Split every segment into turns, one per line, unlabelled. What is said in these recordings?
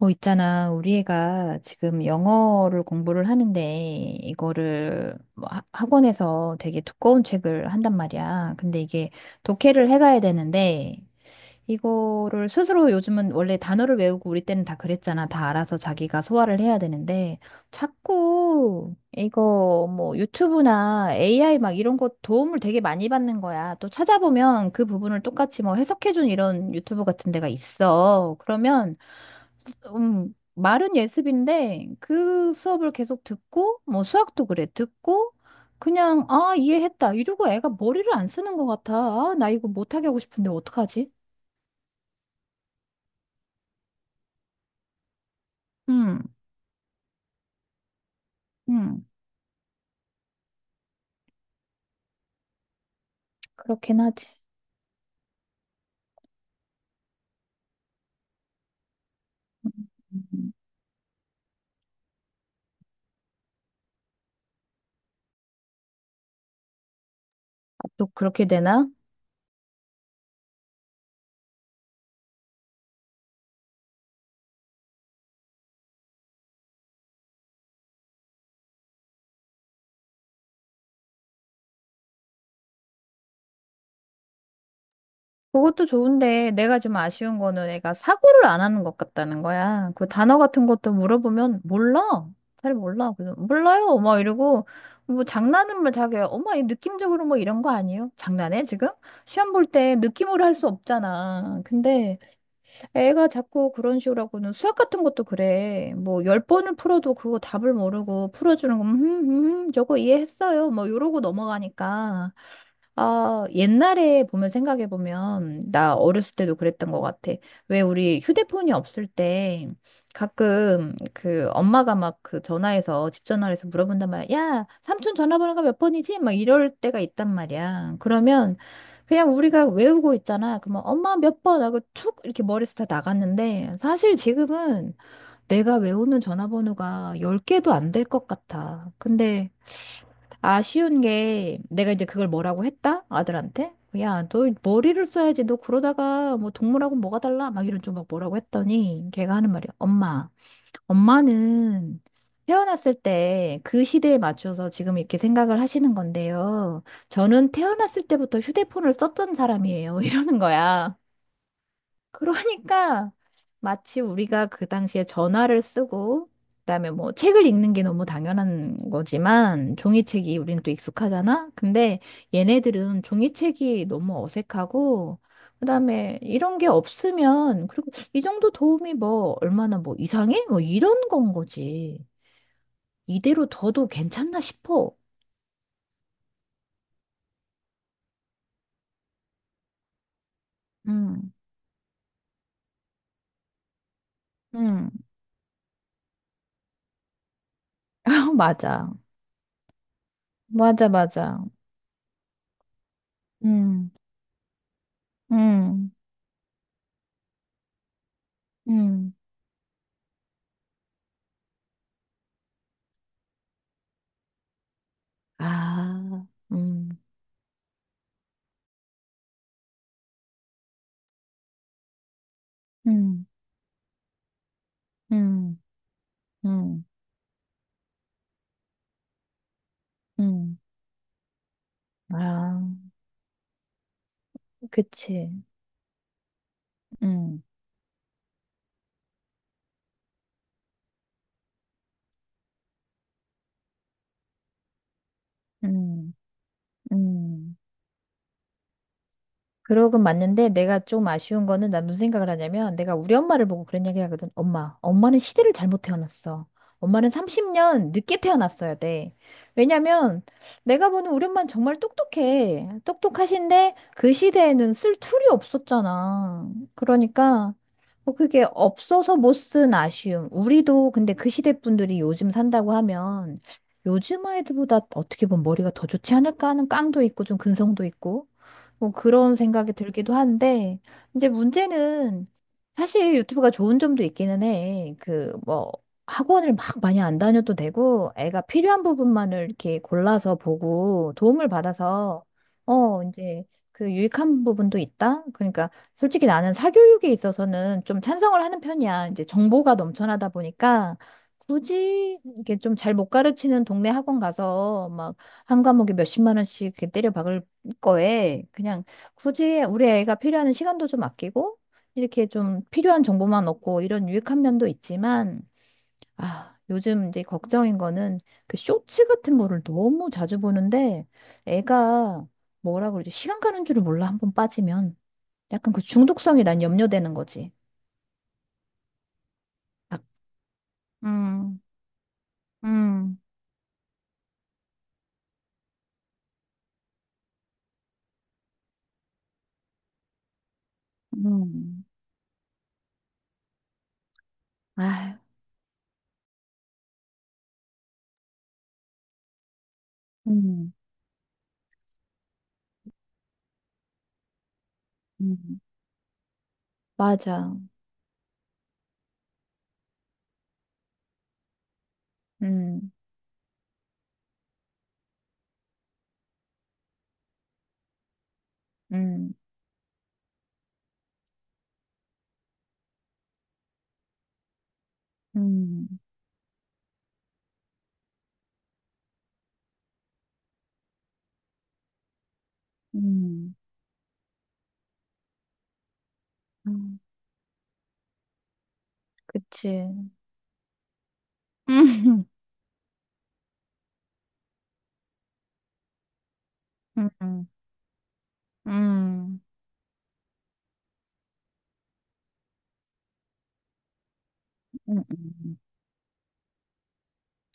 있잖아. 우리 애가 지금 영어를 공부를 하는데, 이거를 뭐 학원에서 되게 두꺼운 책을 한단 말이야. 근데 이게 독해를 해가야 되는데, 이거를 스스로 요즘은 원래 단어를 외우고 우리 때는 다 그랬잖아. 다 알아서 자기가 소화를 해야 되는데 자꾸 이거 뭐 유튜브나 AI 막 이런 거 도움을 되게 많이 받는 거야. 또 찾아보면 그 부분을 똑같이 뭐 해석해준 이런 유튜브 같은 데가 있어. 그러면 말은 예습인데 그 수업을 계속 듣고 뭐 수학도 그래. 듣고 그냥 아 이해했다 이러고 애가 머리를 안 쓰는 것 같아. 아, 나 이거 못하게 하고 싶은데 어떡하지? 응, 응. 그렇긴 하지. 음, 아, 또 그렇게 되나? 그것도 좋은데 내가 좀 아쉬운 거는 애가 사고를 안 하는 것 같다는 거야. 그 단어 같은 것도 물어보면 몰라. 잘 몰라. 그래서 몰라요. 막 이러고 뭐 장난은 뭐 자기야. 엄마 이 느낌적으로 뭐 이런 거 아니에요? 장난해 지금? 시험 볼 때 느낌으로 할 수 없잖아. 근데 애가 자꾸 그런 식으로 하고는 수학 같은 것도 그래. 뭐 10번을 풀어도 그거 답을 모르고 풀어주는 거, 저거 이해했어요. 뭐 이러고 넘어가니까. 아, 옛날에 보면 생각해 보면 나 어렸을 때도 그랬던 것 같아. 왜 우리 휴대폰이 없을 때 가끔 그 엄마가 막 그 전화해서 집 전화해서 물어본단 말이야. 야, 삼촌 전화번호가 몇 번이지? 막 이럴 때가 있단 말이야. 그러면 그냥 우리가 외우고 있잖아. 그러면 엄마 몇 번 하고 툭 이렇게 머리에서 다 나갔는데 사실 지금은 내가 외우는 전화번호가 10개도 안 될 것 같아. 근데 아쉬운 게 내가 이제 그걸 뭐라고 했다? 아들한테? 야, 너 머리를 써야지. 너 그러다가 뭐 동물하고 뭐가 달라? 막 이런 좀 막 뭐라고 했더니 걔가 하는 말이야. 엄마, 엄마는 태어났을 때 그 시대에 맞춰서 지금 이렇게 생각을 하시는 건데요. 저는 태어났을 때부터 휴대폰을 썼던 사람이에요. 이러는 거야. 그러니까 마치 우리가 그 당시에 전화를 쓰고 그다음에 뭐 책을 읽는 게 너무 당연한 거지만 종이책이 우리는 또 익숙하잖아. 근데 얘네들은 종이책이 너무 어색하고 그다음에 이런 게 없으면 그리고 이 정도 도움이 뭐 얼마나 뭐 이상해? 뭐 이런 건 거지. 이대로 둬도 괜찮나 싶어. 음. 음. 맞아. 맞아, 맞아. 음. 음. 음. 아, 음, 음, 음, 음, 음. 아, 그치. 음, 음, 음. 그러긴 맞는데 내가 좀 아쉬운 거는 난 무슨 생각을 하냐면 내가 우리 엄마를 보고 그런 얘기를 하거든. 엄마, 엄마는 시대를 잘못 태어났어. 엄마는 30년 늦게 태어났어야 돼. 왜냐면 내가 보는 우리 엄마는 정말 똑똑해. 똑똑하신데 그 시대에는 쓸 툴이 없었잖아. 그러니까 뭐 그게 없어서 못 쓴 아쉬움. 우리도 근데 그 시대 분들이 요즘 산다고 하면 요즘 아이들보다 어떻게 보면 머리가 더 좋지 않을까 하는 깡도 있고 좀 근성도 있고. 뭐 그런 생각이 들기도 한데, 이제 문제는 사실 유튜브가 좋은 점도 있기는 해. 그 뭐 학원을 막 많이 안 다녀도 되고, 애가 필요한 부분만을 이렇게 골라서 보고 도움을 받아서, 어, 이제 그 유익한 부분도 있다? 그러니까 솔직히 나는 사교육에 있어서는 좀 찬성을 하는 편이야. 이제 정보가 넘쳐나다 보니까 굳이 이게 좀 잘 못 가르치는 동네 학원 가서 막 한 과목에 몇십만 원씩 이렇게 때려 박을 거에 그냥 굳이 우리 애가 필요한 시간도 좀 아끼고 이렇게 좀 필요한 정보만 얻고 이런 유익한 면도 있지만 아, 요즘 이제 걱정인 거는 그 쇼츠 같은 거를 너무 자주 보는데 애가 뭐라 그러지? 시간 가는 줄을 몰라 한 번 빠지면 약간 그 중독성이 난 염려되는 거지. 아, 음, 음, 음, 아, 음, 음, 맞아. 음, 음, 음, 음, 음, 그치. 음, 음, 음, 음, 음.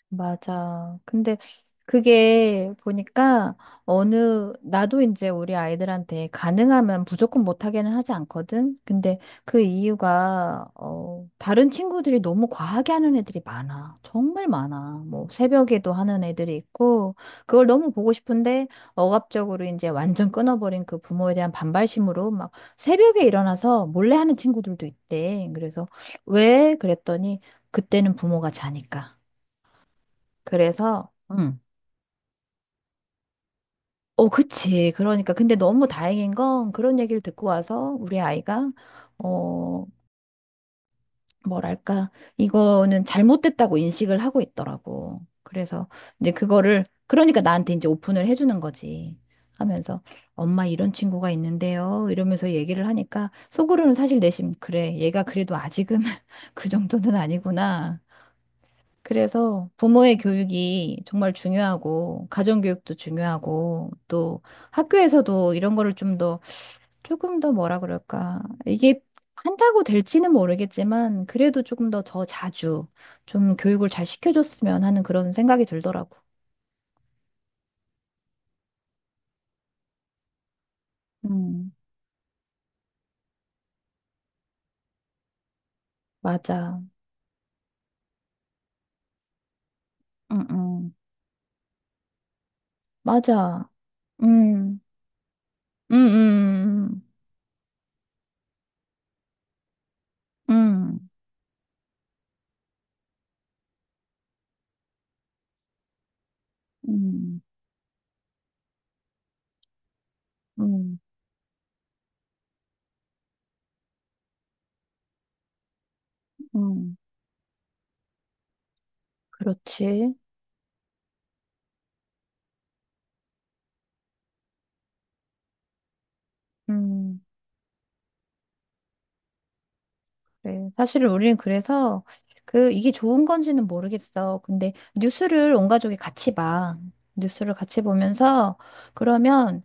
맞아. 근데, 그게 보니까 어느 나도 이제 우리 아이들한테 가능하면 무조건 못하게는 하지 않거든. 근데 그 이유가 어 다른 친구들이 너무 과하게 하는 애들이 많아. 정말 많아. 뭐 새벽에도 하는 애들이 있고 그걸 너무 보고 싶은데 억압적으로 이제 완전 끊어버린 그 부모에 대한 반발심으로 막 새벽에 일어나서 몰래 하는 친구들도 있대. 그래서 왜 그랬더니 그때는 부모가 자니까. 그래서 응. 어, 그치. 그러니까. 근데 너무 다행인 건 그런 얘기를 듣고 와서 우리 아이가, 어, 뭐랄까, 이거는 잘못됐다고 인식을 하고 있더라고. 그래서 이제 그거를, 그러니까 나한테 이제 오픈을 해주는 거지. 하면서, 엄마 이런 친구가 있는데요. 이러면서 얘기를 하니까 속으로는 사실 내심, 그래. 얘가 그래도 아직은 그 정도는 아니구나. 그래서 부모의 교육이 정말 중요하고, 가정교육도 중요하고, 또 학교에서도 이런 거를 좀 더, 조금 더 뭐라 그럴까. 이게 한다고 될지는 모르겠지만, 그래도 조금 더 더 자주 좀 교육을 잘 시켜줬으면 하는 그런 생각이 들더라고. 음, 맞아. 응응 맞아. 음, 음, 음, 음, 음, 음, 음, 음. 그렇지. 네, 사실은 우리는 그래서 그 이게 좋은 건지는 모르겠어. 근데 뉴스를 온 가족이 같이 봐. 뉴스를 같이 보면서 그러면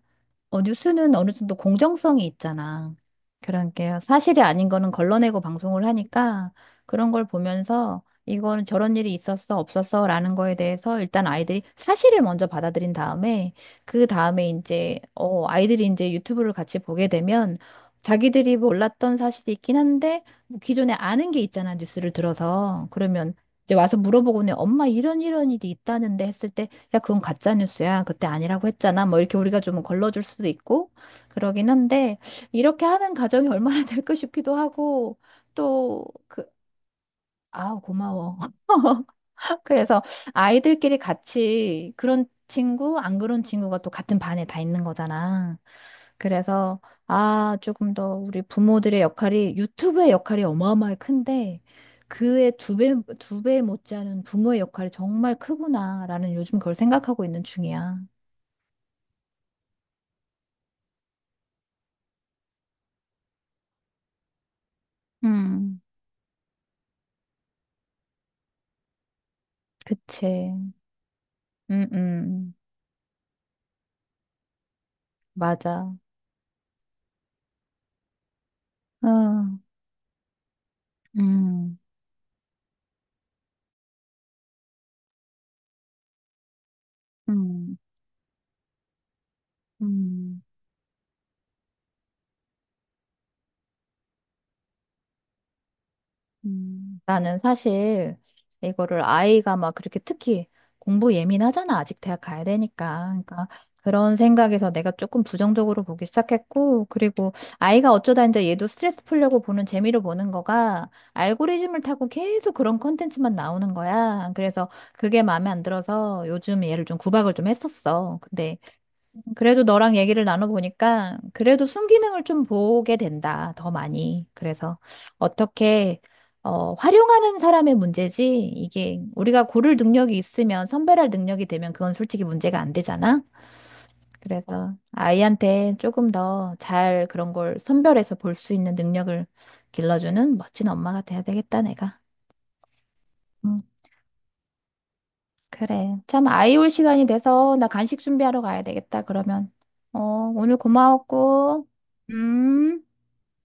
어, 뉴스는 어느 정도 공정성이 있잖아. 그러니까 사실이 아닌 거는 걸러내고 방송을 하니까 그런 걸 보면서 이거는 저런 일이 있었어, 없었어 라는 거에 대해서 일단 아이들이 사실을 먼저 받아들인 다음에 그 다음에 이제 어, 아이들이 이제 유튜브를 같이 보게 되면 자기들이 몰랐던 사실이 있긴 한데 뭐 기존에 아는 게 있잖아, 뉴스를 들어서. 그러면 이제 와서 물어보고는 엄마 이런 이런 일이 있다는데 했을 때 야, 그건 가짜 뉴스야. 그때 아니라고 했잖아. 뭐 이렇게 우리가 좀 걸러줄 수도 있고 그러긴 한데 이렇게 하는 가정이 얼마나 될까 싶기도 하고 또 그, 아우, 고마워. 그래서 아이들끼리 같이 그런 친구, 안 그런 친구가 또 같은 반에 다 있는 거잖아. 그래서, 아, 조금 더 우리 부모들의 역할이, 유튜브의 역할이 어마어마하게 큰데, 그의 2배, 2배 못지않은 부모의 역할이 정말 크구나라는 요즘 그걸 생각하고 있는 중이야. 음, 그치. 음, 음, 맞아. 아, 음, 음, 음. 음. 나는 사실 이거를 아이가 막 그렇게 특히 공부 예민하잖아. 아직 대학 가야 되니까. 그러니까 그런 생각에서 내가 조금 부정적으로 보기 시작했고, 그리고 아이가 어쩌다 이제 얘도 스트레스 풀려고 보는 재미로 보는 거가 알고리즘을 타고 계속 그런 컨텐츠만 나오는 거야. 그래서 그게 마음에 안 들어서 요즘 얘를 좀 구박을 좀 했었어. 근데 그래도 너랑 얘기를 나눠보니까 그래도 순기능을 좀 보게 된다, 더 많이. 그래서 어떻게 어, 활용하는 사람의 문제지 이게 우리가 고를 능력이 있으면 선별할 능력이 되면 그건 솔직히 문제가 안 되잖아. 그래서 아이한테 조금 더 잘 그런 걸 선별해서 볼 수 있는 능력을 길러주는 멋진 엄마가 돼야 되겠다, 내가. 응. 그래. 참, 아이 올 시간이 돼서 나 간식 준비하러 가야 되겠다, 그러면. 어, 오늘 고마웠고, 음.